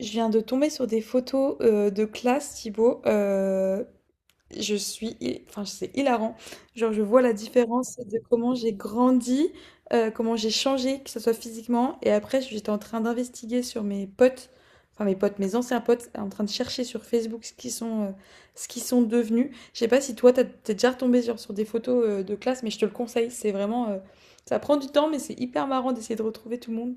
Je viens de tomber sur des photos de classe, Thibaut. Enfin, c'est hilarant. Genre, je vois la différence de comment j'ai grandi, comment j'ai changé, que ce soit physiquement. Et après, j'étais en train d'investiguer sur mes potes, enfin mes potes, mes anciens potes, en train de chercher sur Facebook ce qu'ils sont devenus. Je sais pas si toi, t'es déjà retombé sur des photos de classe, mais je te le conseille. C'est vraiment, ça prend du temps, mais c'est hyper marrant d'essayer de retrouver tout le monde.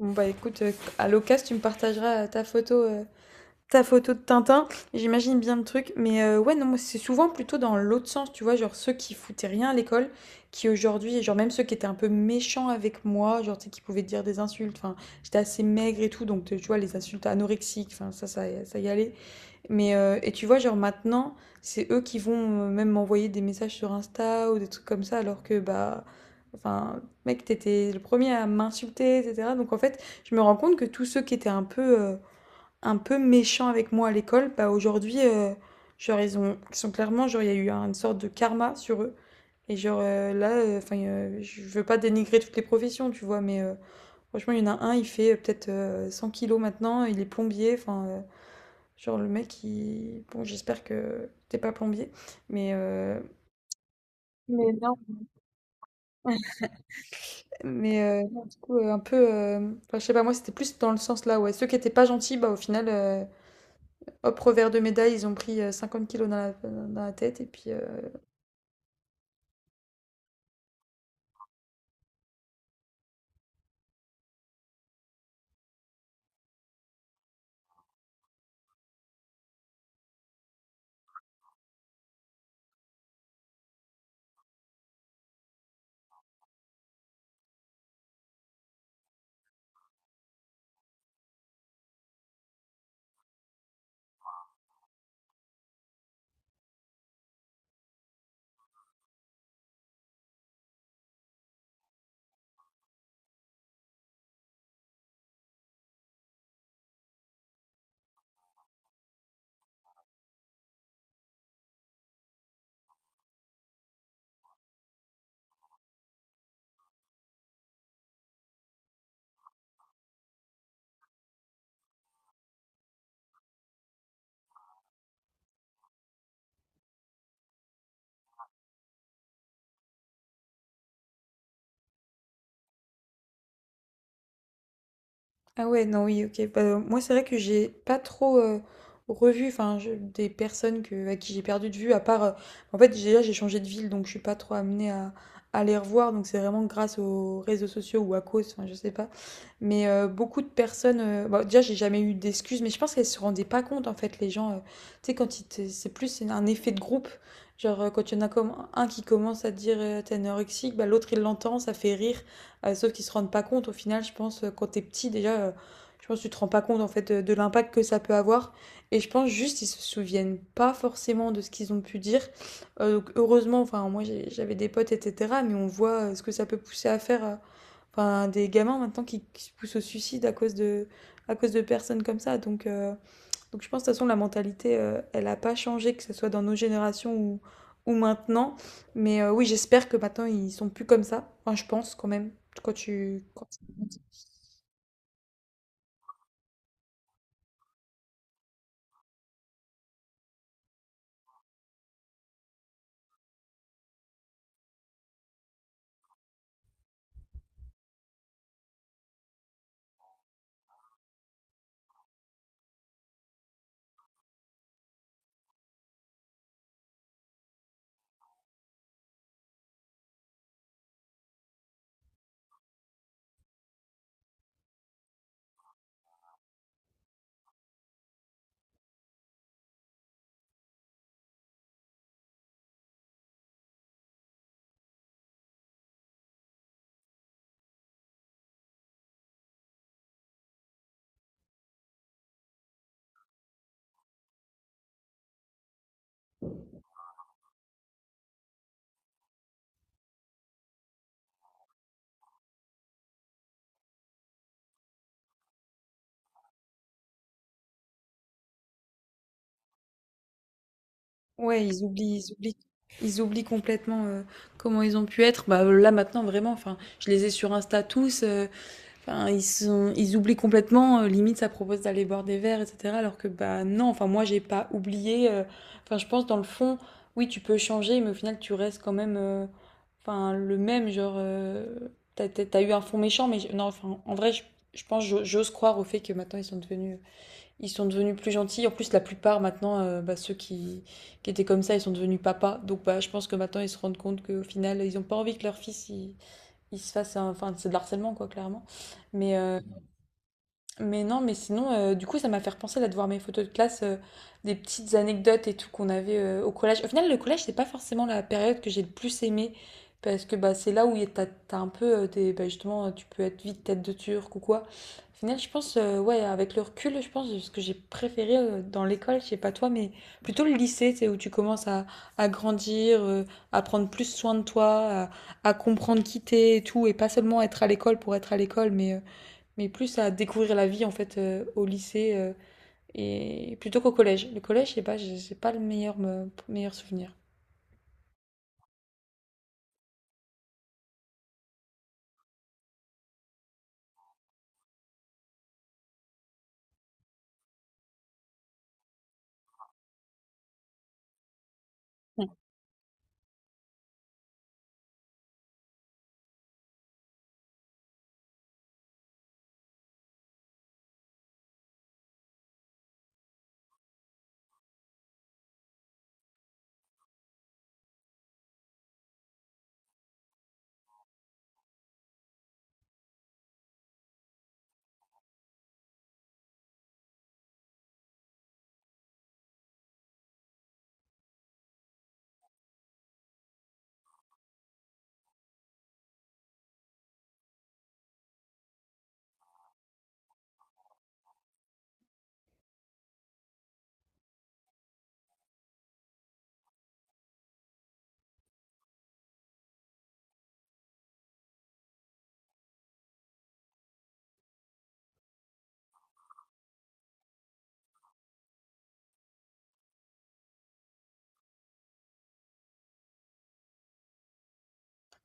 Bon bah écoute, à l'occasion, tu me partageras ta photo de Tintin. J'imagine bien le truc, mais ouais, non, moi c'est souvent plutôt dans l'autre sens, tu vois, genre ceux qui foutaient rien à l'école, qui aujourd'hui, genre même ceux qui étaient un peu méchants avec moi, genre tu sais, qui pouvaient te dire des insultes. Enfin, j'étais assez maigre et tout, donc tu vois les insultes anorexiques, enfin ça y allait. Mais et tu vois, genre maintenant, c'est eux qui vont même m'envoyer des messages sur Insta ou des trucs comme ça, alors que bah, enfin, mec, t'étais le premier à m'insulter, etc. Donc en fait, je me rends compte que tous ceux qui étaient un peu méchants avec moi à l'école, bah aujourd'hui, genre ils sont clairement, genre il y a eu une sorte de karma sur eux. Je veux pas dénigrer toutes les professions, tu vois, mais franchement, il y en a un, il fait peut-être 100 kilos maintenant, il est plombier, enfin. Genre le mec, il... Bon, j'espère que t'es pas plombier, mais, euh, Mais non. Non, du coup, un peu... Enfin, je sais pas, moi, c'était plus dans le sens là, ouais. Ceux qui étaient pas gentils, bah au final, hop, revers de médaille, ils ont pris 50 kilos dans la tête, et puis... Ah ouais, non, oui, ok. Bah, moi, c'est vrai que j'ai pas trop revu enfin, des personnes que, à qui j'ai perdu de vue, à part... En fait, déjà, j'ai changé de ville, donc je suis pas trop amenée à les revoir. Donc, c'est vraiment grâce aux réseaux sociaux ou à cause, enfin, je sais pas. Mais beaucoup de personnes... bah, déjà, j'ai jamais eu d'excuses, mais je pense qu'elles se rendaient pas compte, en fait, les gens. Tu sais, quand c'est plus un effet de groupe. Genre, quand il y en a comme un qui commence à dire t'es anorexique, bah, l'autre, il l'entend, ça fait rire. Sauf qu'ils se rendent pas compte au final, je pense, quand t'es petit déjà, je pense que tu te rends pas compte en fait de l'impact que ça peut avoir. Et je pense juste ils se souviennent pas forcément de ce qu'ils ont pu dire. Donc heureusement, enfin j'avais des potes, etc. Mais on voit ce que ça peut pousser à faire, enfin des gamins maintenant qui se poussent au suicide à cause de personnes comme ça. Donc je pense de toute façon la mentalité, elle n'a pas changé, que ce soit dans nos générations ou maintenant. Mais oui, j'espère que maintenant ils sont plus comme ça. Enfin, je pense quand même. Quand tu... quand- Ouais, ils oublient, ils oublient, ils oublient complètement comment ils ont pu être. Bah, là maintenant vraiment, enfin, je les ai sur Insta tous. Enfin, ils oublient complètement. Limite, ça propose d'aller boire des verres, etc. Alors que bah non. Enfin, moi, j'ai pas oublié. Enfin, je pense dans le fond, oui, tu peux changer, mais au final, tu restes quand même, enfin, le même. Genre, t'as eu un fond méchant, mais non. Enfin, en vrai, je pense, j'ose croire au fait que maintenant ils sont devenus plus gentils. En plus, la plupart maintenant, bah, ceux qui étaient comme ça, ils sont devenus papas. Donc, bah, je pense que maintenant, ils se rendent compte qu'au final, ils ont pas envie que leur fils, il se fasse enfin c'est de l'harcèlement quoi clairement mais euh, mais non, mais sinon, du coup, ça m'a fait repenser là de voir mes photos de classe, des petites anecdotes et tout qu'on avait au collège. Au final, le collège, c'est pas forcément la période que j'ai le plus aimée, parce que bah, c'est là où t'as un peu des. Bah, justement, tu peux être vite tête de turc ou quoi. Au final, je pense, ouais, avec le recul, je pense que ce que j'ai préféré dans l'école, je sais pas toi, mais plutôt le lycée, c'est où tu commences à grandir, à prendre plus soin de toi, à comprendre qui t'es et tout, et pas seulement être à l'école pour être à l'école, mais. Mais plus à découvrir la vie en fait au lycée et plutôt qu'au collège. Le collège, je sais pas, j'ai pas le meilleur meilleur souvenir.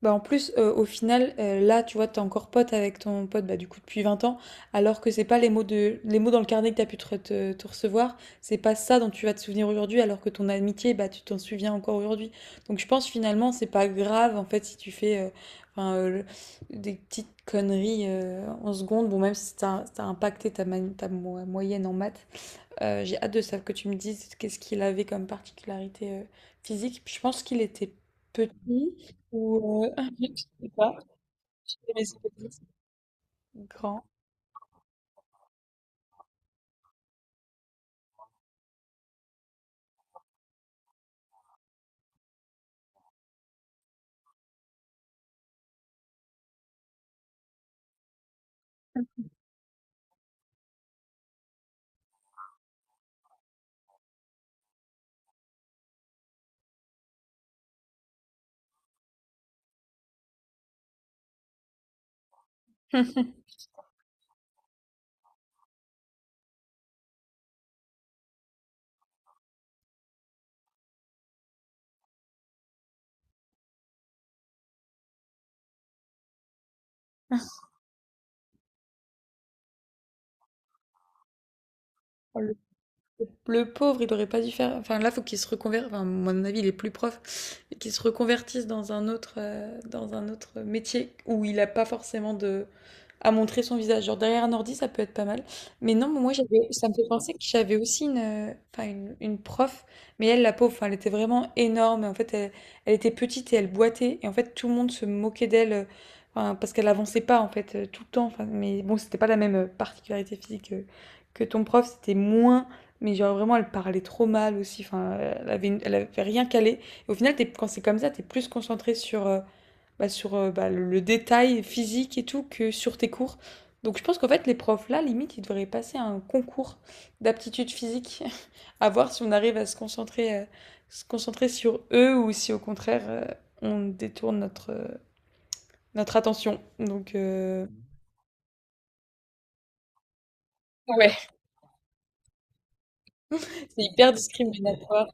Bah en plus au final là tu vois t'es encore pote avec ton pote bah du coup depuis 20 ans, alors que c'est pas les mots dans le carnet que t'as pu te recevoir, c'est pas ça dont tu vas te souvenir aujourd'hui, alors que ton amitié bah tu t'en souviens encore aujourd'hui. Donc je pense finalement c'est pas grave en fait si tu fais enfin, des petites conneries en secondes, bon même si ça a impacté ta moyenne en maths. J'ai hâte de savoir que tu me dises qu'est-ce qu'il avait comme particularité physique. Puis je pense qu'il était petit ou je sais pas, mais c'était petit, grand. Le pauvre, il aurait pas dû faire. Enfin, là, faut qu'il se reconvertisse. Enfin, à mon avis, il est plus prof. Et qu'il se reconvertisse dans un autre, métier où il a pas forcément de à montrer son visage. Genre derrière un ordi, ça peut être pas mal. Mais non, moi, j'avais, ça me fait penser que j'avais aussi une prof, mais elle, la pauvre, enfin, elle était vraiment énorme. En fait, elle était petite et elle boitait. Et en fait, tout le monde se moquait d'elle, enfin, parce qu'elle avançait pas, en fait, tout le temps. Enfin, mais bon, c'était pas la même particularité physique que ton prof. C'était moins, mais genre vraiment, elle parlait trop mal aussi. Enfin, elle avait rien calé. Et au final, quand c'est comme ça, t'es plus concentré sur, bah, sur bah, le détail physique et tout que sur tes cours. Donc je pense qu'en fait, les profs là, limite, ils devraient passer un concours d'aptitude physique à voir si on arrive à se concentrer, sur eux ou si au contraire, on détourne notre attention. Ouais. C'est hyper discriminatoire.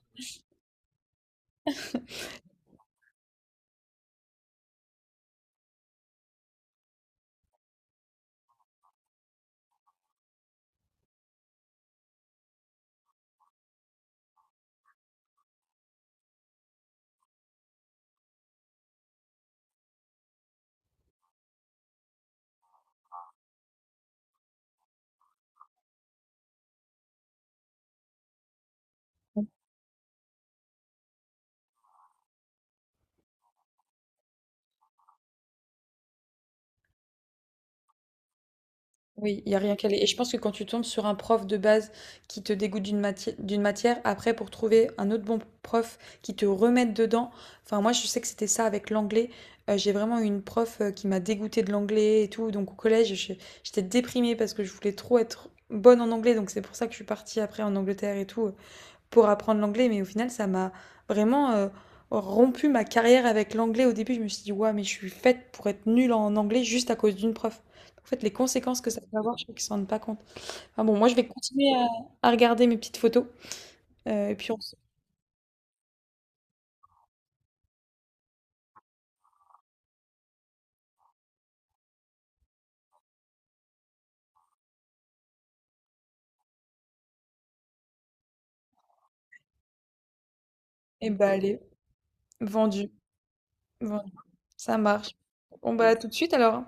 Oui, il y a rien qu'à aller. Et je pense que quand tu tombes sur un prof de base qui te dégoûte d'une matière, après pour trouver un autre bon prof qui te remette dedans. Enfin, moi, je sais que c'était ça avec l'anglais. J'ai vraiment eu une prof qui m'a dégoûtée de l'anglais et tout. Donc au collège, j'étais déprimée parce que je voulais trop être bonne en anglais. Donc c'est pour ça que je suis partie après en Angleterre et tout pour apprendre l'anglais, mais au final, ça m'a vraiment rompu ma carrière avec l'anglais. Au début, je me suis dit, ouais, mais je suis faite pour être nulle en anglais juste à cause d'une prof. En fait, les conséquences que ça peut avoir, je crois qu'ils ne s'en rendent pas compte. Enfin bon, moi, je vais continuer à regarder mes petites photos. Et puis, on se... Eh bah, allez, vendu, vendu. Ça marche. On va tout de suite alors.